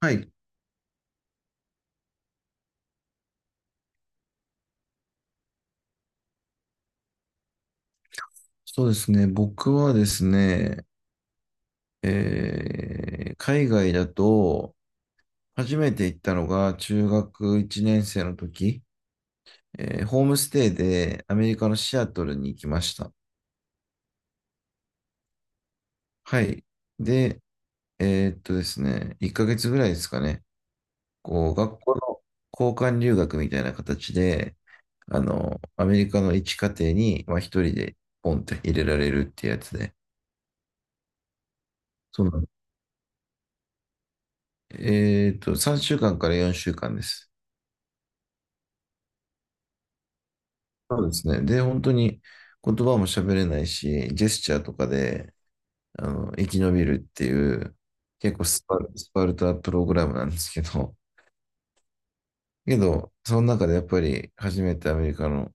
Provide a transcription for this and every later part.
はい。そうですね。僕はですね、海外だと、初めて行ったのが中学1年生の時、ホームステイでアメリカのシアトルに行きました。はい。で、ですね、1ヶ月ぐらいですかね、こう、学校の交換留学みたいな形で、あの、アメリカの一家庭に、まあ、一人でポンって入れられるってやつで、そうなの。3週間から4週間です。そうですね。で、本当に言葉も喋れないし、ジェスチャーとかで、あの、生き延びるっていう、結構スパルタプログラムなんですけど、けど、その中でやっぱり初めてアメリカの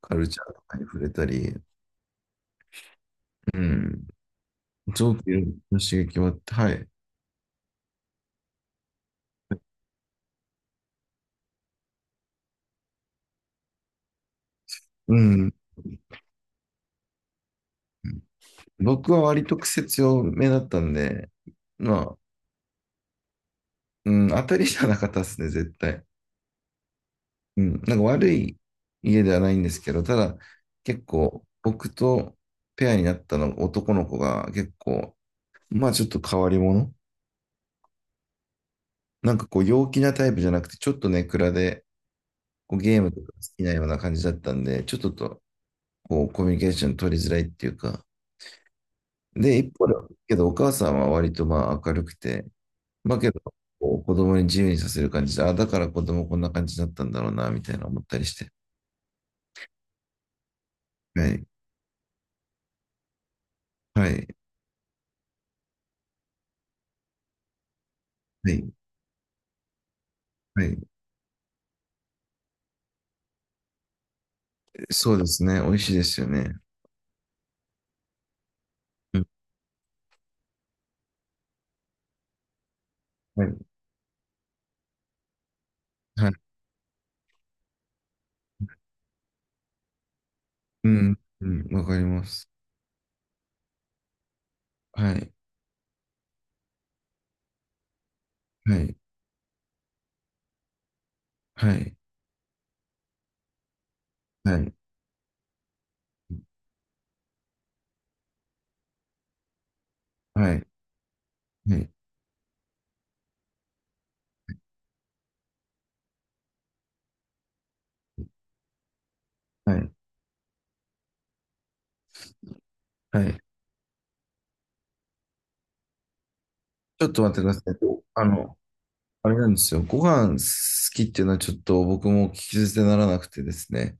カルチャーとかに触れたり、うん、すごくいろんな刺激もあって、はい。うん。僕は割と癖強めだったんで、まあ、うん、当たりじゃなかったですね、絶対。うん、なんか悪い家ではないんですけど、ただ結構僕とペアになったの男の子が結構、まあちょっと変わり者。なんかこう陽気なタイプじゃなくて、ちょっとね暗でこうゲームとか好きなような感じだったんで、ちょっとこうコミュニケーション取りづらいっていうか。で、一方で、けどお母さんは割とまあ明るくて、まあけど、こう子供に自由にさせる感じで、あ、だから子供こんな感じだったんだろうな、みたいな思ったりして。はい。はい。はい。はい。そうですね。美味しいですよね。うん。はい。はい。うん。うん。わかります。はい。はい。はい。はい。はい。はい。はい。はい。ちょっと待ってください。あの、あれなんですよ。ご飯好きっていうのはちょっと僕も聞き捨てならなくてですね。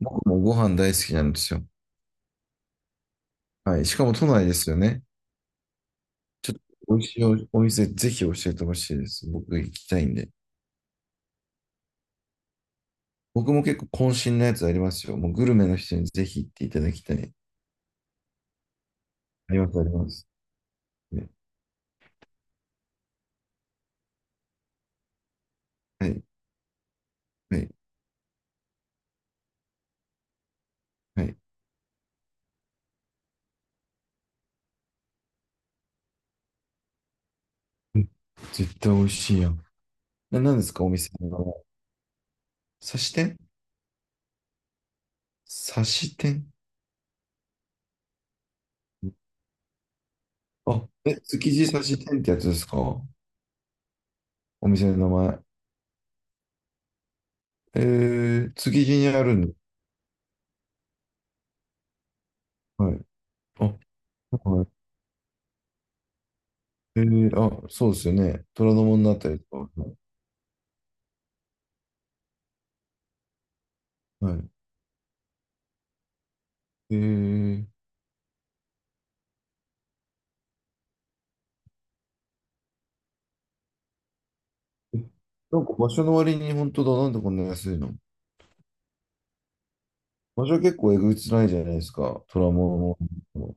僕もご飯大好きなんですよ。はい。しかも都内ですよね。ちょっと美味しいお店ぜひ教えてほしいです。僕行きたいんで。僕も結構渾身のやつありますよ。もうグルメの人にぜひ行っていただきたい。あります。ねはい。はい。はい。うん絶対美味しいやん。何ですか、お店の名前。刺し店。刺し店。あ、え、築地刺し店ってやつですか？お店の名前。えー、築地にあるんだ。はい。あ、はい。えー、あ、そうですよね。虎ノ門のあたりとか。はい。えー、えなんか場所の割に本当だ。なんでこんな安いの？場所結構えぐつないじゃないですか。虎ノ門の。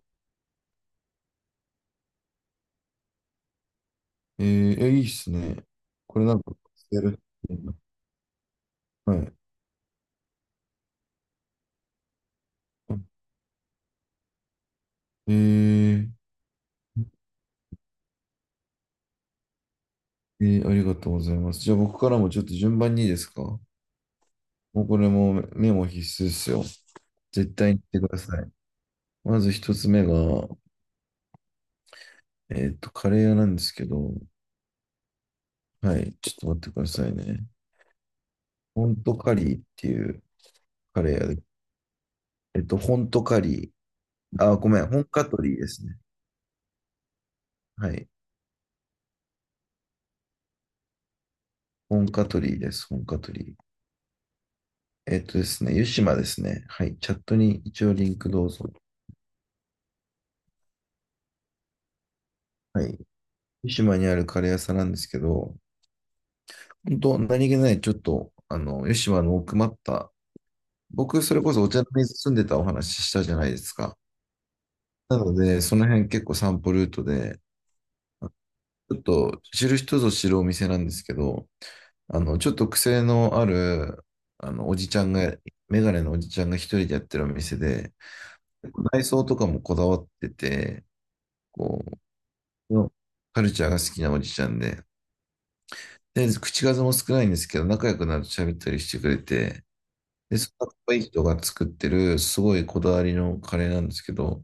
えいいっすね。これなんか、やるっていうの。はい。えー、ありがとうございます。じゃあ僕からもちょっと順番にいいですか？もうこれもメモ必須ですよ。絶対に言ってください。まず一つ目が、カレー屋なんですけど、はい、ちょっと待ってくださいね。ホントカリーっていうカレー屋で、ホントカリー、あ、ごめん、本カトリーですね。はい、本カトリー。えっとですね、湯島ですね。はい、チャットに一応リンクどうぞ。はい、湯島にあるカレー屋さんなんですけど、本当、何気ない、ちょっと、あの、吉島の奥まった、僕、それこそお茶の水住んでたお話したじゃないですか。なので、その辺結構散歩ルートで、ちょっと知る人ぞ知るお店なんですけど、あの、ちょっと癖のある、あの、おじちゃんが、メガネのおじちゃんが一人でやってるお店で、内装とかもこだわってて、こう、カルチャーが好きなおじちゃんで、で、口数も少ないんですけど、仲良くなると喋ったりしてくれて、で、そのかっこいい人が作ってる、すごいこだわりのカレーなんですけど、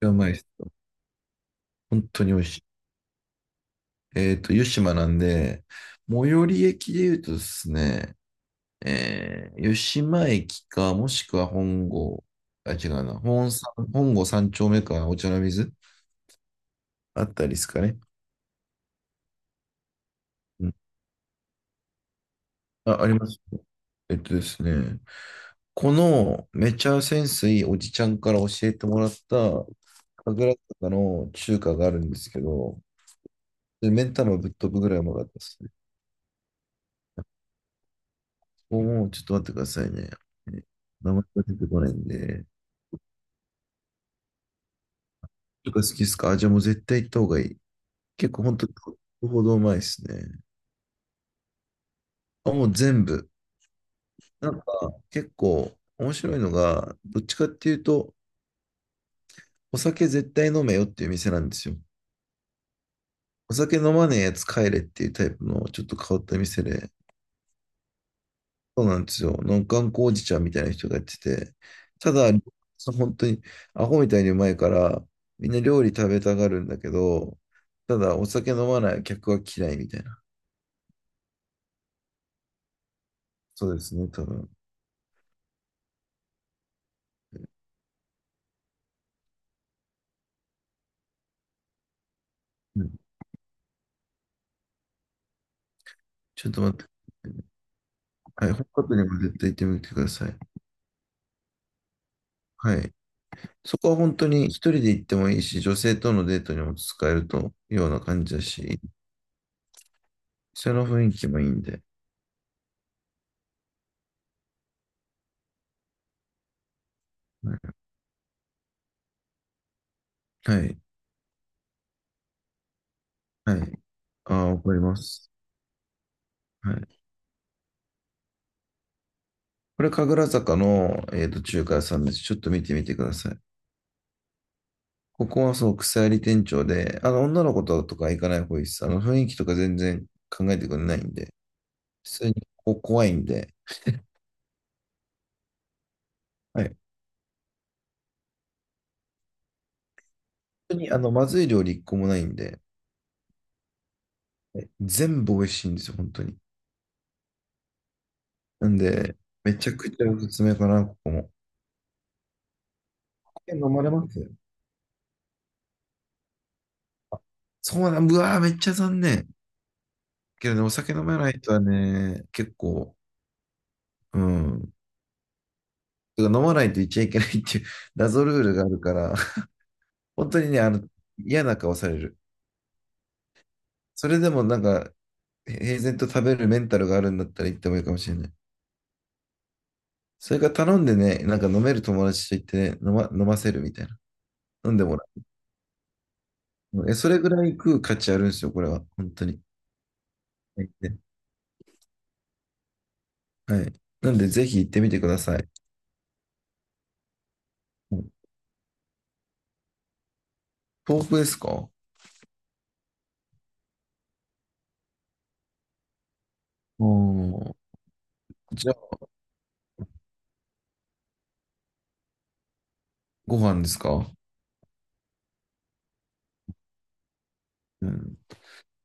うまいです。本当に美味しい。湯島なんで、最寄り駅で言うとですね、湯島駅か、もしくは本郷、あ、違うな、本郷三丁目か、お茶の水あったりですかね。うん。あります。えっとですね、このめちゃ潜水おじちゃんから教えてもらった、神楽坂の中華があるんですけど、で、メンタぶっ飛ぶぐらいうまかったですね。もう、ちょっと待ってくださいね。ね名前が出てこないんで。とか好きですか？あ、じゃあもう絶対行った方がいい。結構本当にほどうまいですね。あ、もう全部。なんか、結構面白いのが、どっちかっていうと、お酒絶対飲めよっていう店なんですよ。お酒飲まねえやつ帰れっていうタイプのちょっと変わった店で、そうなんですよ。の頑固おじちゃんみたいな人がやってて、ただ、本当にアホみたいにうまいから、みんな料理食べたがるんだけど、ただお酒飲まない客は嫌いみたいな。そうですね、多分。うん、ちょっと待って。はい、北海道にも絶対行ってみてください。はい。そこは本当に一人で行ってもいいし、女性とのデートにも使えるというような感じだし、その雰囲気もいいんで。はい。はい。はい。ああ、わかります。はい。これ、神楽坂の、中華屋さんです。ちょっと見てみてください。ここはそう、草やり店長で、あの、女の子とか行かない方がいいです。あの、雰囲気とか全然考えてくれないんで、普通にここ怖いんで、はい。本当に、あの、まずい料理一個もないんで、はい、全部美味しいんですよ、本当に。なんで、めちゃくちゃおすすめかな、ここも。お酒飲まれます？そうなん、うわー、めっちゃ残念。けどね、お酒飲めない人はね、結構、うん。てか飲まないといっちゃいけないっていう 謎ルールがあるから、本当にね、あの、嫌な顔される。それでもなんか、平然と食べるメンタルがあるんだったら行ってもいいかもしれない。それから頼んでね、なんか飲める友達と行ってね、飲ませるみたいな。飲んでもらう。え、それぐらい食う価値あるんですよ、これは。本当に。はい。はい。なんで、ぜひ行ってみてください。うん、遠くですか？う、じゃあ、ご飯ですか？うん。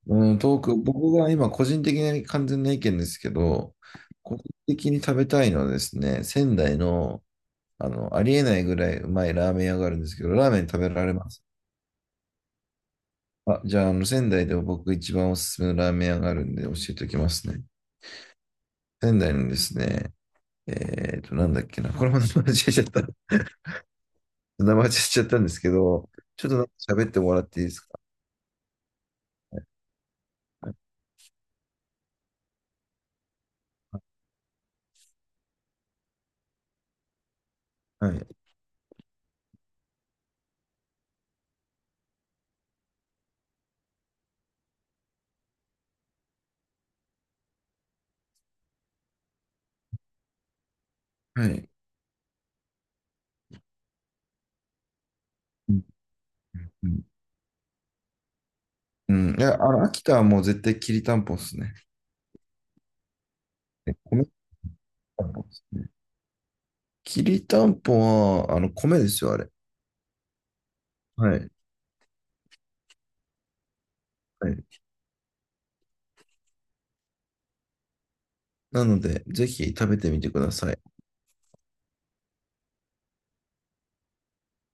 うん、遠く、僕が今、個人的な完全な意見ですけど、個人的に食べたいのはですね、仙台の、あの、ありえないぐらいうまいラーメン屋があるんですけど、ラーメン食べられます？あ、じゃあ、あの、仙台でも僕一番おすすめのラーメン屋があるんで教えておきますね。仙台のですね、なんだっけな。これも名前間違えちゃった。名前間違えちゃったんですけど、ちょっとなんか喋ってもらっていいですか？はい。はい。うんうん。うん、いや、あの、秋田はもう絶対きりたんぽっすね。え、米たんぽですね。きりたんぽは、あの、米ですよ、あれ。はい。はい。なので、ぜひ食べてみてください。